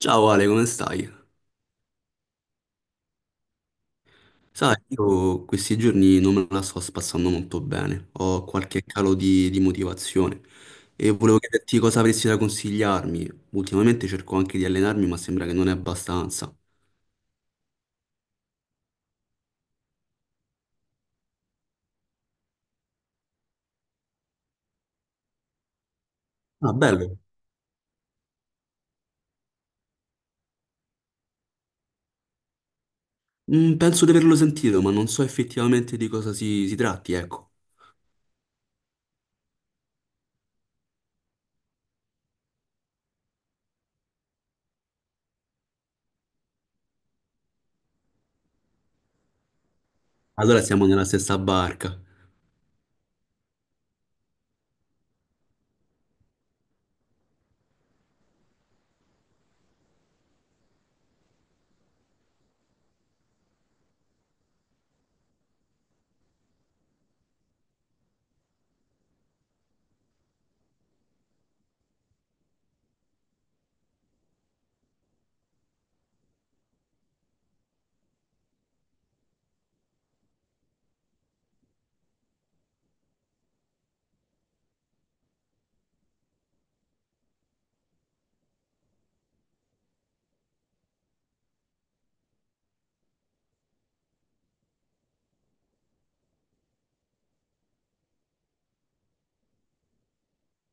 Ciao Ale, come stai? Sai, io questi giorni non me la sto spassando molto bene, ho qualche calo di motivazione e volevo chiederti cosa avresti da consigliarmi. Ultimamente cerco anche di allenarmi, ma sembra che non è abbastanza. Ah, bello. Mm, penso di averlo sentito, ma non so effettivamente di cosa si tratti, ecco. Allora siamo nella stessa barca.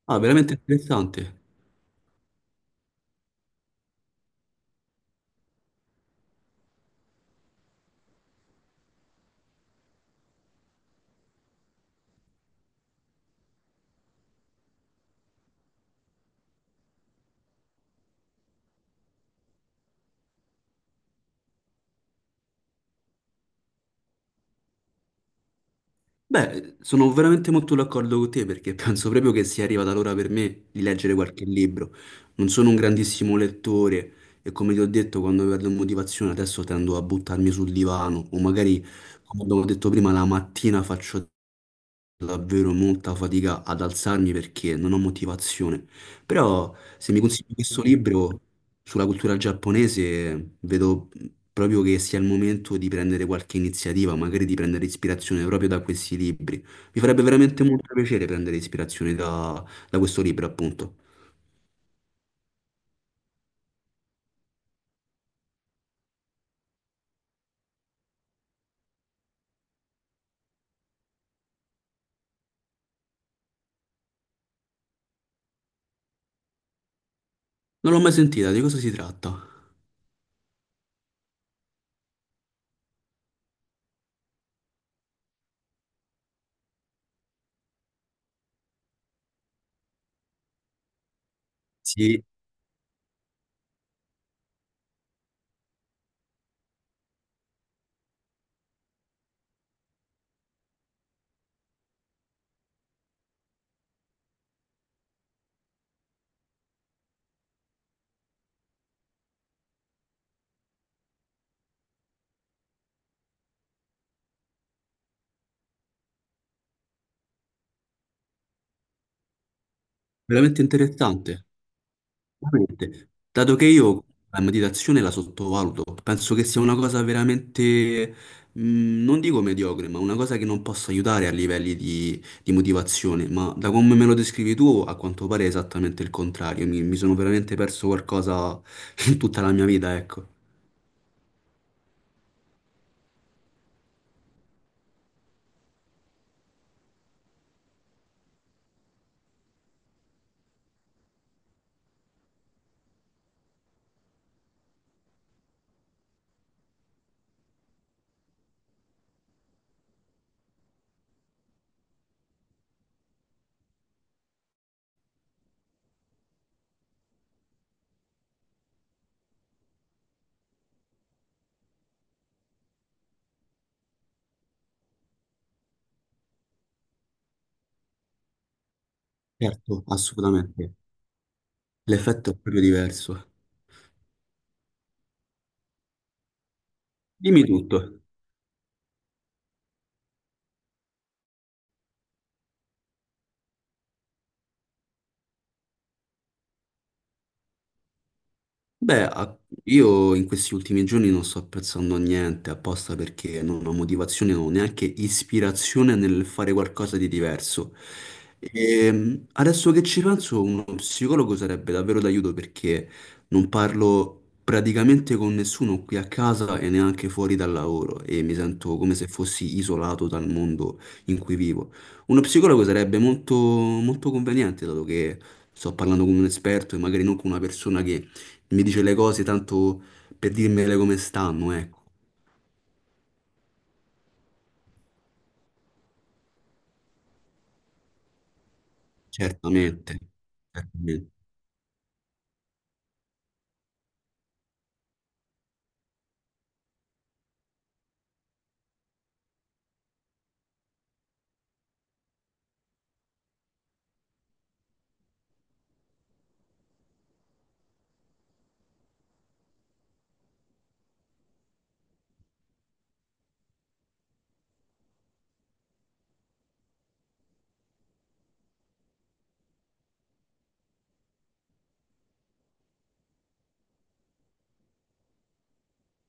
Ah, veramente interessante. Beh, sono veramente molto d'accordo con te perché penso proprio che sia arrivata l'ora per me di leggere qualche libro. Non sono un grandissimo lettore e come ti ho detto, quando perdo motivazione adesso tendo a buttarmi sul divano o magari, come abbiamo detto prima, la mattina faccio davvero molta fatica ad alzarmi perché non ho motivazione. Però se mi consigli questo libro sulla cultura giapponese, vedo proprio che sia il momento di prendere qualche iniziativa, magari di prendere ispirazione proprio da questi libri. Mi farebbe veramente molto piacere prendere ispirazione da questo libro, appunto. Non l'ho mai sentita, di cosa si tratta? Sì, veramente interessante. Veramente. Dato che io la meditazione la sottovaluto, penso che sia una cosa veramente, non dico mediocre, ma una cosa che non possa aiutare a livelli di motivazione. Ma da come me lo descrivi tu, a quanto pare è esattamente il contrario. Mi sono veramente perso qualcosa in tutta la mia vita, ecco. Certo, assolutamente. L'effetto è proprio diverso. Dimmi tutto. Beh, io in questi ultimi giorni non sto apprezzando niente apposta perché non ho motivazione, non ho neanche ispirazione nel fare qualcosa di diverso. Adesso che ci penso, uno psicologo sarebbe davvero d'aiuto perché non parlo praticamente con nessuno qui a casa e neanche fuori dal lavoro e mi sento come se fossi isolato dal mondo in cui vivo. Uno psicologo sarebbe molto, molto conveniente, dato che sto parlando con un esperto e magari non con una persona che mi dice le cose tanto per dirmele come stanno, ecco. Certamente, certamente.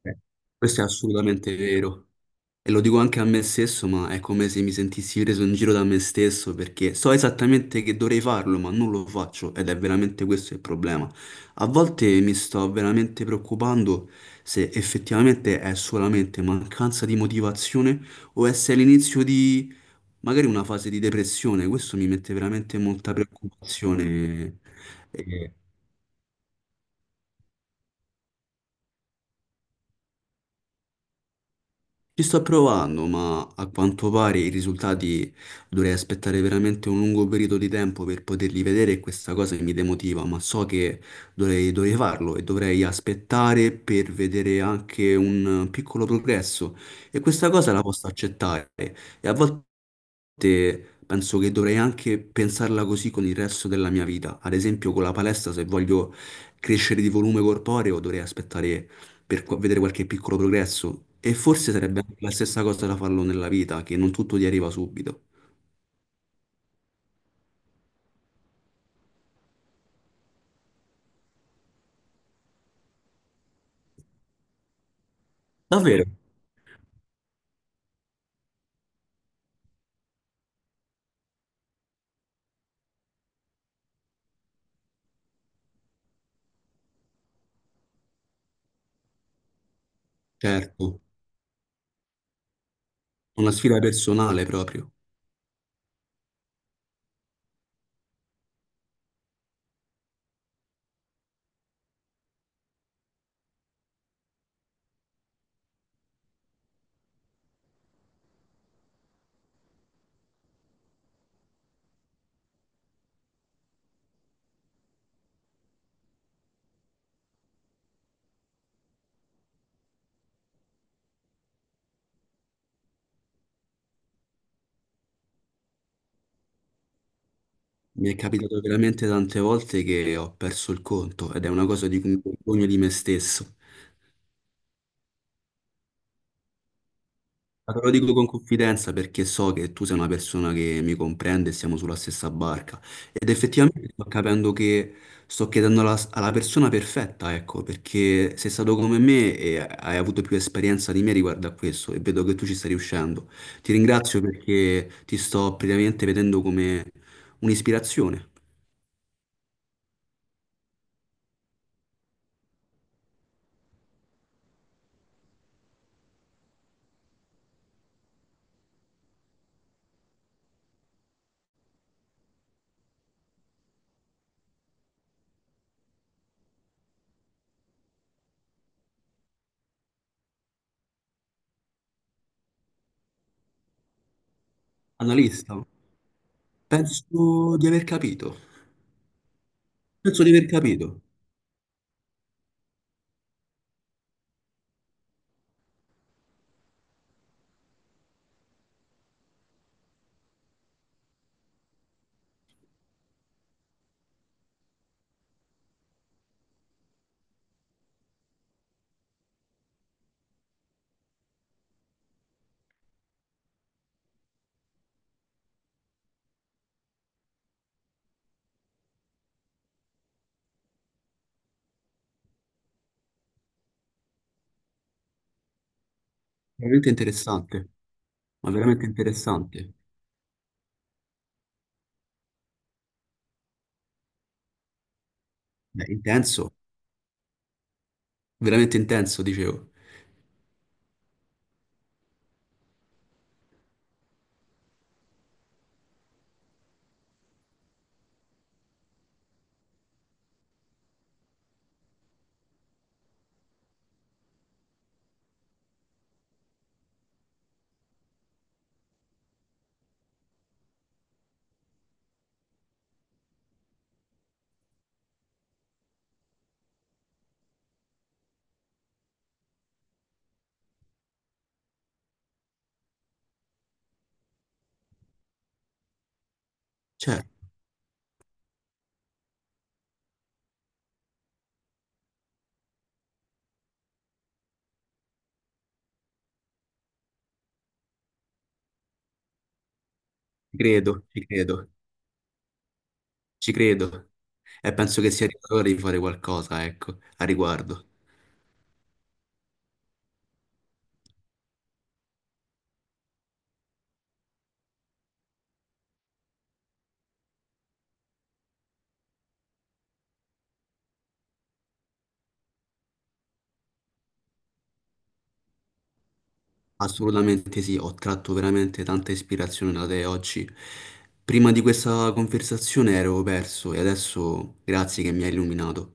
Eh, Questo è assolutamente vero. E lo dico anche a me stesso, ma è come se mi sentissi preso in giro da me stesso perché so esattamente che dovrei farlo, ma non lo faccio ed è veramente questo il problema. A volte mi sto veramente preoccupando se effettivamente è solamente mancanza di motivazione o è se è l'inizio di magari una fase di depressione, questo mi mette veramente molta preoccupazione. E ci sto provando, ma a quanto pare i risultati dovrei aspettare veramente un lungo periodo di tempo per poterli vedere e questa cosa mi demotiva, ma so che dovrei farlo e dovrei aspettare per vedere anche un piccolo progresso e questa cosa la posso accettare. E a volte penso che dovrei anche pensarla così con il resto della mia vita. Ad esempio, con la palestra, se voglio crescere di volume corporeo, dovrei aspettare per vedere qualche piccolo progresso. E forse sarebbe anche la stessa cosa da farlo nella vita, che non tutto ti arriva subito. Certo, una sfida personale proprio. Mi è capitato veramente tante volte che ho perso il conto ed è una cosa di cui mi vergogno di me stesso. Ma te lo dico con confidenza perché so che tu sei una persona che mi comprende e siamo sulla stessa barca. Ed effettivamente sto capendo che sto chiedendo alla persona perfetta, ecco, perché sei stato come me e hai avuto più esperienza di me riguardo a questo e vedo che tu ci stai riuscendo. Ti ringrazio perché ti sto praticamente vedendo come un'ispirazione. Analista, penso di aver capito. Penso di aver capito. Veramente interessante, ma veramente interessante. Beh, intenso. Veramente intenso, dicevo. Cioè, ci credo, ci credo, ci credo. E penso che sia arrivato l'ora di fare qualcosa, ecco, a riguardo. Assolutamente sì, ho tratto veramente tanta ispirazione da te oggi. Prima di questa conversazione ero perso e adesso grazie che mi hai illuminato.